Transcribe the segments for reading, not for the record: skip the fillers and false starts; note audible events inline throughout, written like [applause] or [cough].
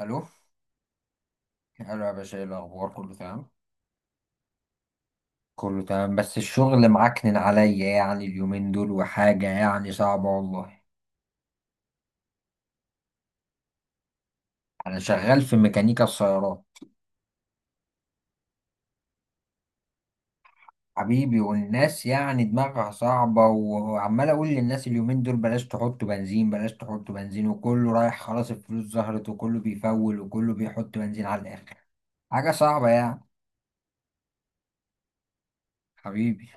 الو، الو يا باشا، ايه الاخبار؟ كله تمام؟ كله تمام، بس الشغل معكنن عليا يعني اليومين دول، وحاجه يعني صعبه والله. انا شغال في ميكانيكا السيارات. حبيبي، والناس يعني دماغها صعبة، وعمال أقول للناس اليومين دول: بلاش تحطوا بنزين، بلاش تحطوا بنزين، وكله رايح خلاص. الفلوس ظهرت، وكله بيفول، وكله بيحط بنزين على الآخر. حاجة صعبة يعني. حبيبي.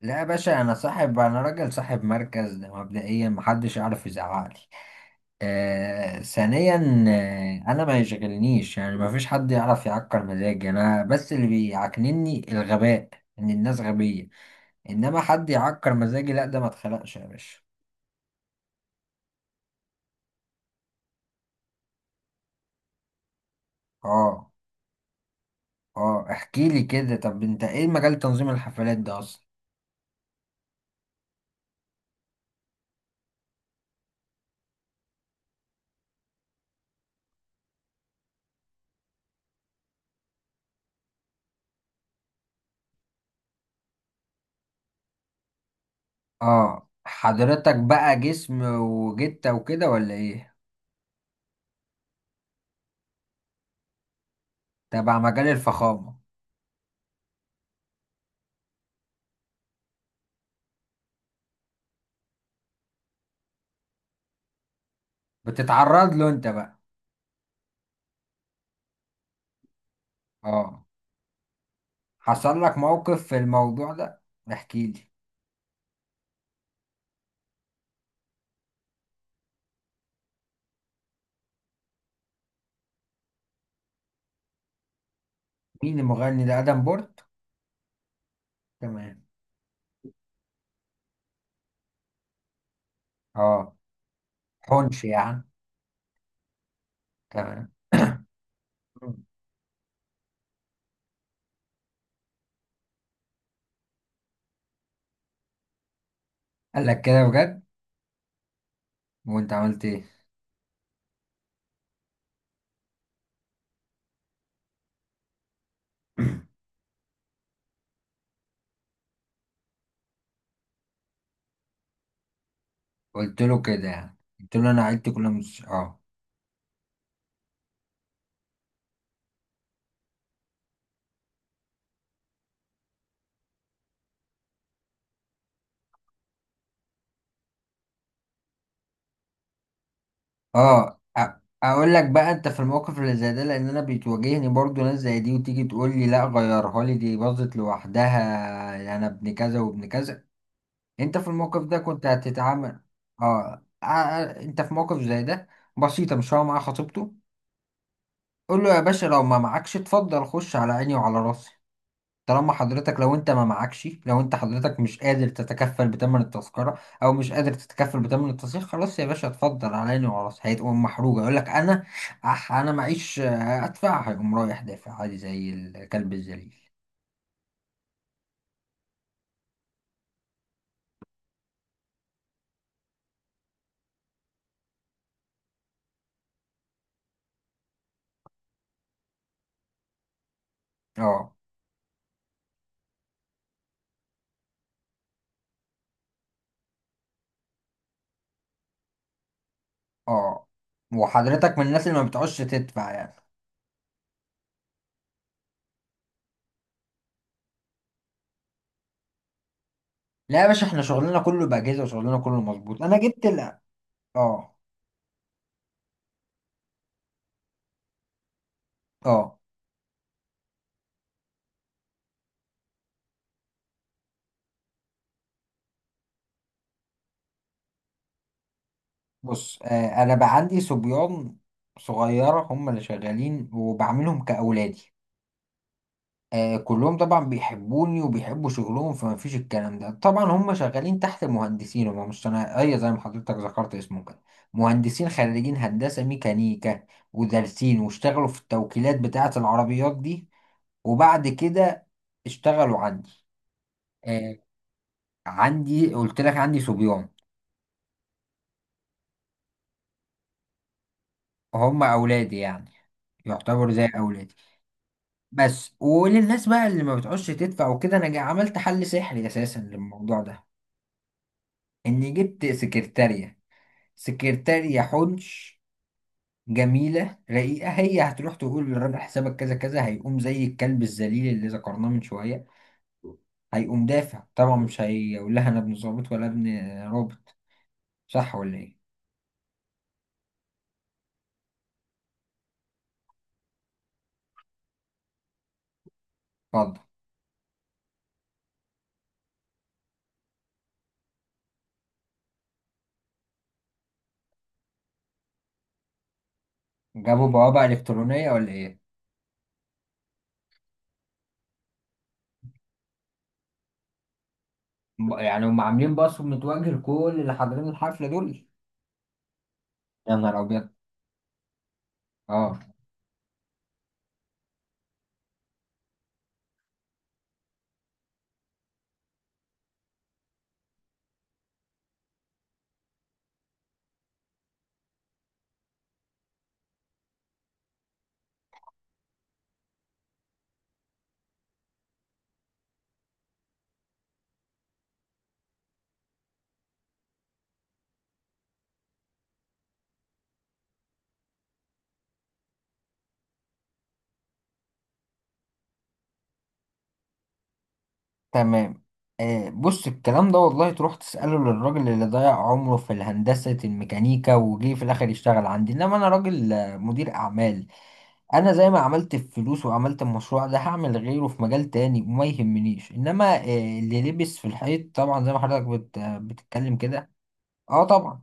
لا يا باشا، أنا راجل صاحب مركز، ده مبدئيا محدش يعرف يزعقلي. آه، ثانيا، انا ما يشغلنيش، يعني ما فيش حد يعرف يعكر مزاجي، انا بس اللي بيعكنني الغباء، ان الناس غبية. انما حد يعكر مزاجي لا، ده ما اتخلقش يا باشا. اه، اه، احكي لي كده، طب انت ايه مجال تنظيم الحفلات ده اصلا؟ اه، حضرتك بقى جسم وجتة وكده ولا ايه؟ تبع مجال الفخامة؟ بتتعرض له انت بقى؟ اه، حصل لك موقف في الموضوع ده؟ احكي لي. مين المغني ده، ادم بورت؟ تمام. اه، حنش يعني؟ تمام. مم. قال لك كده بجد؟ وانت عملت ايه؟ [clears throat] قلت له كده يعني، قلت له انا عيلتي كلها مش اه اه، اقول لك بقى، انت في الموقف اللي زي ده، لان انا بتواجهني برضو ناس زي دي، وتيجي تقول لي: لا، غيرها لي، دي باظت لوحدها، انا ابن كذا وابن كذا. انت في الموقف ده كنت هتتعامل؟ اه، انت في موقف زي ده، بسيطة، مش هو معاه خطيبته؟ قول له: يا باشا، لو ما معكش اتفضل، خش على عيني وعلى راسي. طالما حضرتك، لو انت ما معكش، لو انت حضرتك مش قادر تتكفل بتمن التذكرة، او مش قادر تتكفل بتمن التصريح، خلاص يا باشا، اتفضل علاني وراس، هيتقوم محروجة، يقول لك: انا انا معيش، ادفع، هيقوم رايح دافع عادي زي الكلب الذليل. اه، اه، وحضرتك من الناس اللي ما بتعوزش تدفع يعني؟ لا يا باشا، احنا شغلنا كله بأجهزة، وشغلنا كله مظبوط، انا جبت لا. اه، اه، بص، انا بقى عندي صبيان صغيرة هم اللي شغالين، وبعملهم كأولادي. كلهم طبعا بيحبوني وبيحبوا شغلهم، فما فيش الكلام ده. طبعا هم شغالين تحت مهندسين، هم مش صنايعية زي ما حضرتك ذكرت اسمه كده. مهندسين خريجين هندسة ميكانيكا، ودارسين، واشتغلوا في التوكيلات بتاعة العربيات دي، وبعد كده اشتغلوا عندي. آه، عندي قلت لك عندي صبيان، هم أولادي يعني، يعتبروا زي أولادي. بس، وللناس بقى اللي ما بتعوزش تدفع وكده، أنا عملت حل سحري أساسا للموضوع ده: إني جبت سكرتارية، سكرتارية حنش جميلة رقيقة، هي هتروح تقول للراجل حسابك كذا كذا، هيقوم زي الكلب الذليل اللي ذكرناه من شوية، هيقوم دافع. طبعا مش هيقول لها انا ابن ظابط ولا ابن رابط. صح ولا ايه؟ اتفضل. جابوا بوابة إلكترونية ولا ايه؟ يعني هم عاملين باص متوجه لكل اللي حاضرين الحفلة دول؟ يا نهار أبيض. اه، تمام. بص، الكلام ده والله تروح تسأله للراجل اللي ضيع عمره في الهندسة الميكانيكا، وجه في الآخر يشتغل عندي. إنما أنا راجل، مدير أعمال. أنا زي ما عملت الفلوس وعملت المشروع ده، هعمل غيره في مجال تاني، وما يهمنيش. إنما اللي لبس في الحيط طبعا، زي ما حضرتك بت... آه، بتتكلم كده. أه، طبعا.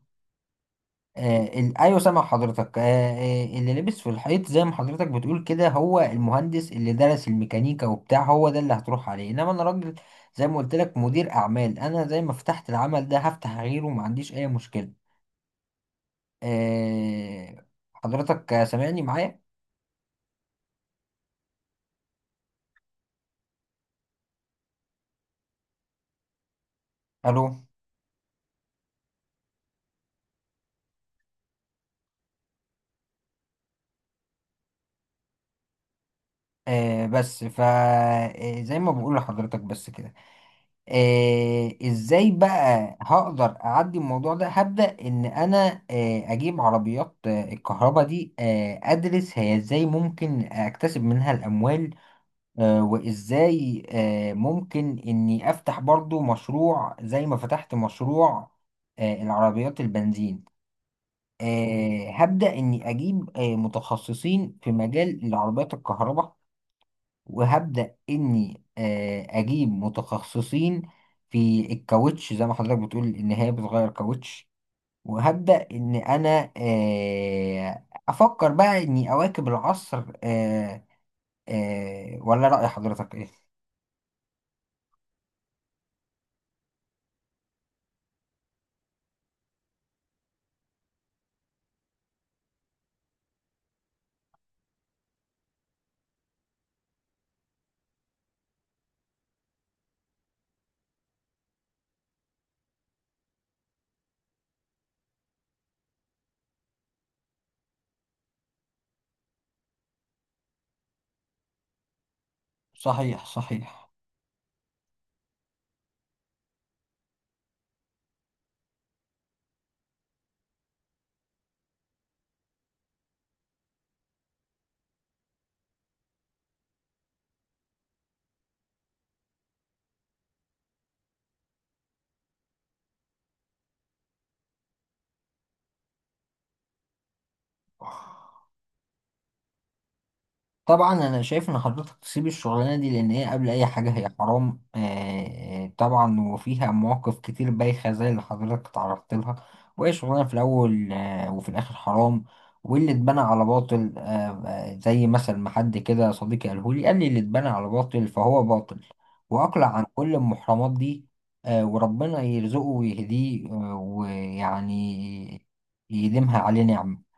ايوه، سامع حضرتك. اللي لبس في الحيط زي ما حضرتك بتقول كده، هو المهندس اللي درس الميكانيكا وبتاع، هو ده اللي هتروح عليه. انما انا راجل، زي ما قلت لك، مدير اعمال. انا زي ما فتحت العمل ده هفتح غيره، ما عنديش اي مشكلة. آه حضرتك، سامعني معايا؟ الو. بس زي ما بقول لحضرتك بس كده. ازاي بقى هقدر اعدي الموضوع ده؟ هبدأ ان انا اجيب عربيات الكهرباء دي، ادرس هي ازاي ممكن اكتسب منها الاموال، وازاي ممكن اني افتح برضو مشروع زي ما فتحت مشروع العربيات البنزين. هبدأ اني اجيب متخصصين في مجال العربيات الكهرباء. وهبدأ إني أجيب متخصصين في الكاوتش زي ما حضرتك بتقول إن هي بتغير كاوتش. وهبدأ إن أنا أفكر بقى إني أواكب العصر. ولا رأي حضرتك إيه؟ صحيح، صحيح. طبعا انا شايف ان حضرتك تسيب الشغلانه دي، لان هي قبل اي حاجه هي حرام طبعا. وفيها مواقف كتير بايخه زي اللي حضرتك تعرضت لها، وهي شغلانه في الاول وفي الاخر حرام. واللي اتبنى على باطل، زي مثل ما حد كده صديقي قاله لي، قال لي: اللي اتبنى على باطل فهو باطل. واقلع عن كل المحرمات دي. وربنا يرزقه ويهديه، ويعني يديمها عليه نعمه.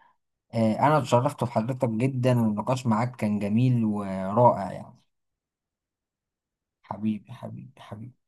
أنا اتشرفت بحضرتك جدا، والنقاش معاك كان جميل ورائع يعني. حبيبي، حبيبي، حبيبي.